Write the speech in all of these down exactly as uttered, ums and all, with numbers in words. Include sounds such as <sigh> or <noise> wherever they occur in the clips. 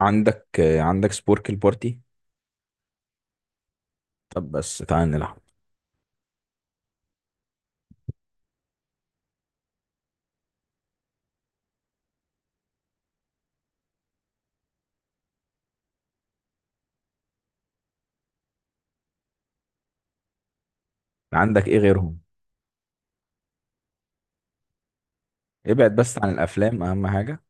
عندك آه، عندك سبورك البارتي. طب بس تعال نلعب. عندك ايه غيرهم؟ ابعد بس عن الافلام اهم حاجة.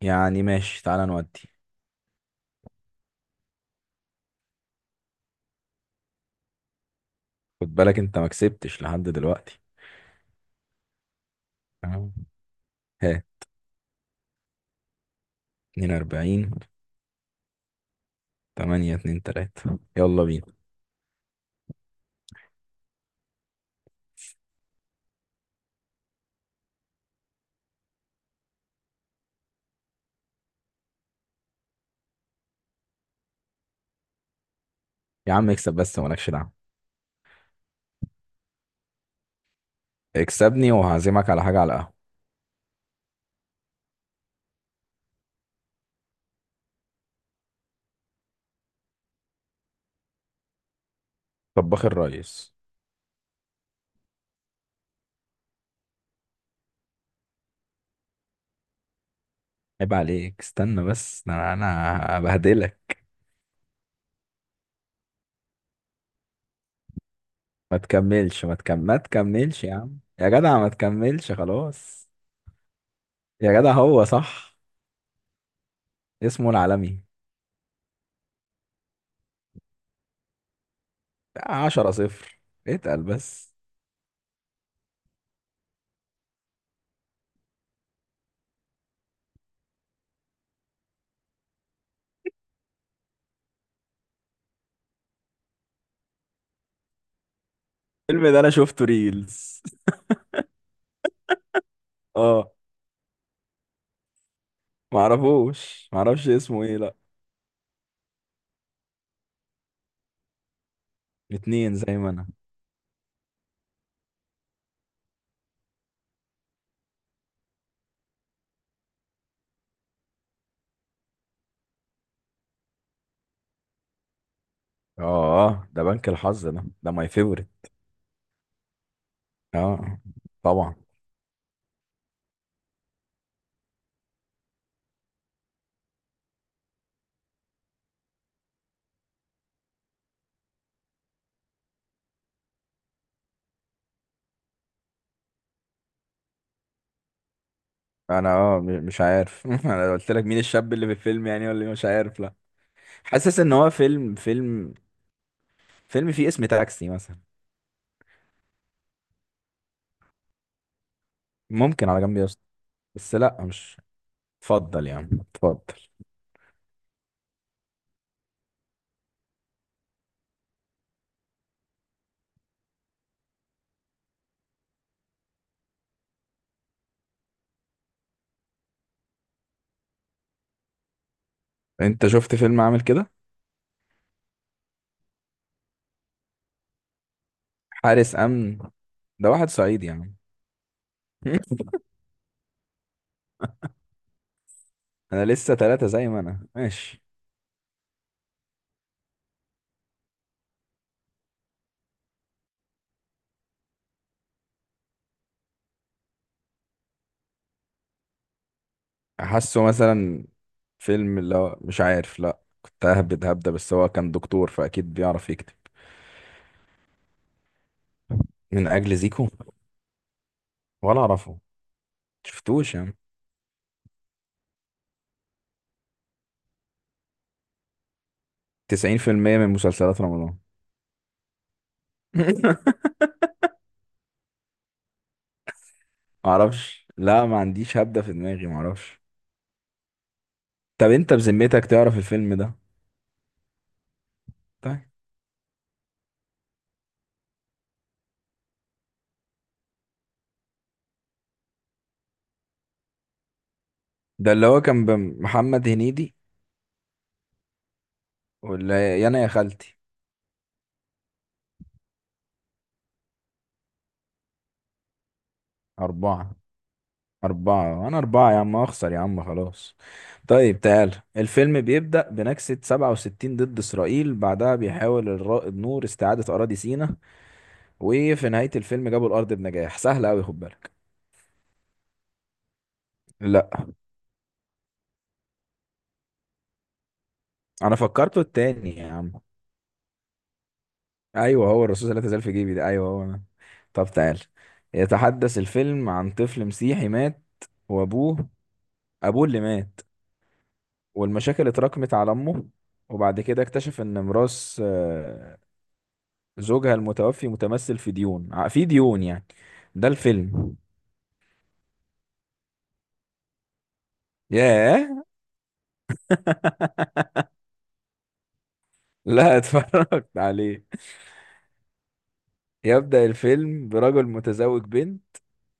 يعني ماشي تعال نودي. خد بالك انت ما كسبتش لحد دلوقتي. تمام. ها؟ اتنين واربعين. تمانية اتنين تلاتة. يلا بينا. يا عم اكسب بس مالكش دعوة. اكسبني وهعزمك على حاجة، على القهوة. طباخ الريس. عيب عليك، استنى بس، ده انا أنا هبهدلك. ما تكملش ما تكم... ما تكملش يا عم، يا جدع ما تكملش خلاص. يا جدع هو صح. اسمه العالمي. عشرة صفر. اتقل بس. الفيلم ده انا شفته ريلز. <laughs> اه. معرفوش معرفش اسمه ايه، لا. اتنين زي ما انا. اه ده بنك الحظ، ده ده ماي فيفورت. اه طبعا. انا اه م- مش عارف. <laughs> انا قلت لك مين الشاب اللي في الفيلم يعني ولا إيه؟ مش عارف، لا. حاسس ان هو فيلم، فيلم فيلم فيه اسم تاكسي مثلا. ممكن على جنب يا اسطى. بس لا مش. اتفضل يا عم، اتفضل اتفضل. انت شفت فيلم عامل كده؟ حارس امن. ده واحد صعيدي يعني. <laughs> انا لسه ثلاثة زي ما انا ماشي. حاسه مثلا فيلم اللي هو مش عارف، لا كنت ههبد هبدة، بس هو كان دكتور فاكيد بيعرف يكتب. من اجل زيكو. ولا اعرفه. شفتوش يعني؟ تسعين في المية من مسلسلات رمضان. <laughs> معرفش لا، ما عنديش هبدة في دماغي، معرفش. طب انت بذمتك تعرف الفيلم ده؟ طيب. ده اللي هو كان بمحمد هنيدي؟ ولا يانا يا خالتي. أربعة. أربعة أنا أربعة يا عم، أخسر يا عم، خلاص. طيب تعال. الفيلم بيبدأ بنكسة سبعة وستين ضد إسرائيل، بعدها بيحاول الرائد نور استعادة أراضي سيناء، وفي نهاية الفيلم جابوا الأرض بنجاح. سهل أوي، خد بالك. لا، أنا فكرته التاني يا عم. أيوه هو الرصاص لا تزال في جيبي ده، أيوه هو، أنا. طب تعال. يتحدث الفيلم عن طفل مسيحي مات وأبوه أبوه اللي مات، والمشاكل اتراكمت على أمه، وبعد كده اكتشف إن ميراث آه، زوجها المتوفي متمثل في ديون ع- في ديون يعني. ده الفيلم. ياه. <laughs> لا، اتفرجت عليه. يبدأ الفيلم برجل متزوج بنت،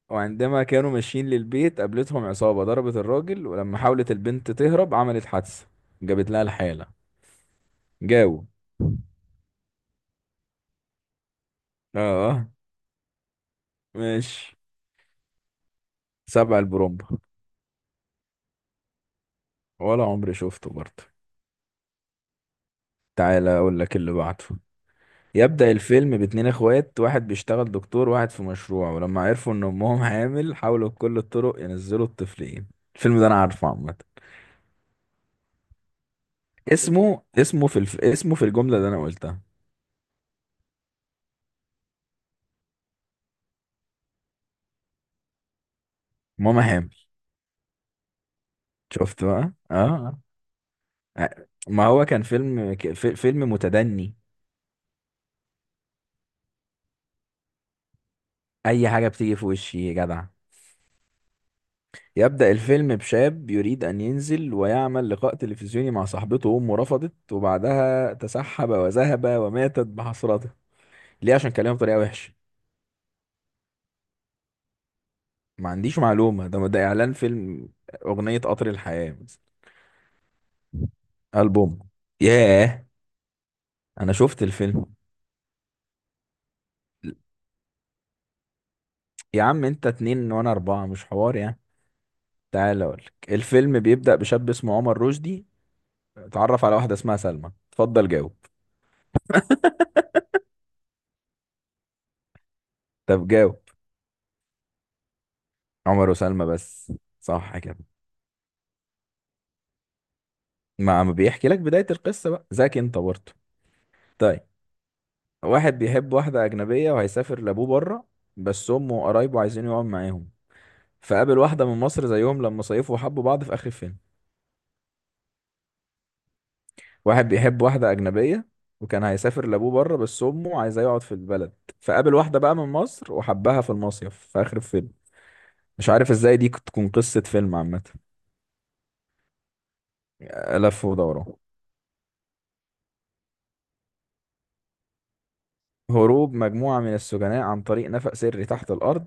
وعندما كانوا ماشيين للبيت قابلتهم عصابة، ضربت الراجل، ولما حاولت البنت تهرب عملت حادثة، جابت لها الحالة. جاوب. اه. ماشي. سبع البرومبا. ولا عمري شفته برضه. تعالى اقول لك اللي بعده. يبدأ الفيلم باتنين اخوات، واحد بيشتغل دكتور وواحد في مشروع، ولما عرفوا ان امهم حامل حاولوا بكل الطرق ينزلوا الطفلين. الفيلم ده انا عارفه عامة. اسمه اسمه في الف... اسمه في الجملة اللي انا قلتها. ماما حامل. شفت بقى؟ اه. آه. ما هو كان فيلم ك- في- فيلم متدني. اي حاجة بتيجي في وشي يا جدع. يبدأ الفيلم بشاب يريد أن ينزل ويعمل لقاء تلفزيوني مع صاحبته، وأمه رفضت، وبعدها تسحب وذهب وماتت بحسرته. ليه؟ عشان كلمه بطريقة وحشة. ما عنديش معلومة، ده ده إعلان فيلم. أغنية قطر الحياة مثلا. ألبوم. ياه. أنا شفت الفيلم. يا عم أنت اتنين وأنا أربعة مش حوار يعني. تعال أقولك. الفيلم بيبدأ بشاب اسمه عمر رشدي، اتعرف على واحدة اسمها سلمى. اتفضل جاوب. طب جاوب. عمر وسلمى بس. صح كده. ما ما بيحكي لك بداية القصة بقى ذاك أنت برضه. طيب. واحد بيحب واحدة أجنبية وهيسافر لأبوه بره، بس أمه وقرايبه عايزين يقعد معاهم، فقابل واحدة من مصر زيهم لما صيفوا وحبوا بعض في آخر الفيلم. واحد بيحب واحدة أجنبية، وكان هيسافر لأبوه بره، بس أمه عايزاه يقعد في البلد، فقابل واحدة بقى من مصر وحبها في المصيف في آخر الفيلم. مش عارف إزاي دي تكون قصة فيلم عامة. لف ودوران. هروب مجموعة من السجناء عن طريق نفق سري تحت الأرض،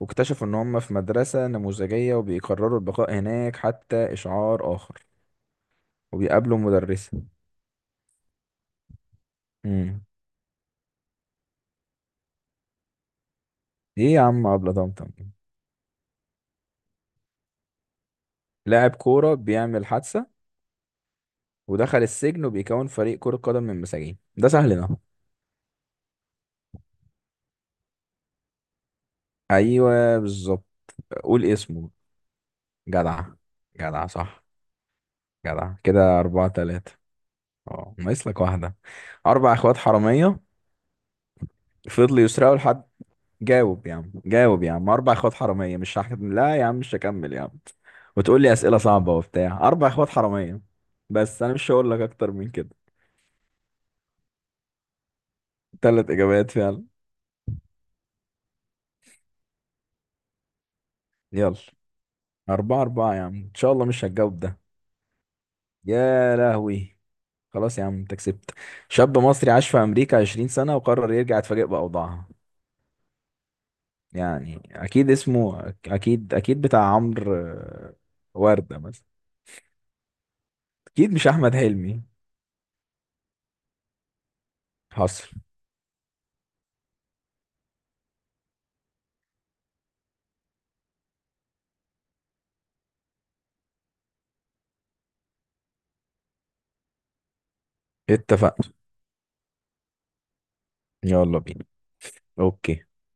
واكتشفوا إن هم في مدرسة نموذجية، وبيقرروا البقاء هناك حتى إشعار آخر، وبيقابلوا مدرسة. مم. إيه يا عم أبلة طمطم. لاعب كورة بيعمل حادثة ودخل السجن، وبيكون فريق كرة قدم من مساجين. ده سهل ده. ايوه بالظبط. قول اسمه. جدع. جدع صح. جدع كده، أربعة تلاتة. اه ناقص لك واحدة. أربع إخوات حرامية فضلوا يسرقوا لحد. جاوب يا عم، جاوب يا عم، أربع إخوات حرامية، مش هحكم لا يا عم، مش هكمل يا عم. وتقول لي أسئلة صعبة وبتاع، أربع إخوات حرامية. بس أنا مش هقول لك أكتر من كده. تلات إجابات فعلا. يلا. أربعة أربعة يا عم، إن شاء الله مش هتجاوب ده. يا لهوي. خلاص يا عم انت كسبت. شاب مصري عاش في امريكا 20 سنة وقرر يرجع، يتفاجئ باوضاعها. يعني اكيد اسمه، اكيد اكيد بتاع عمرو آه، وردة مثلا. اكيد مش احمد حلمي. حصل. اتفقنا. يلا بينا. اوكي.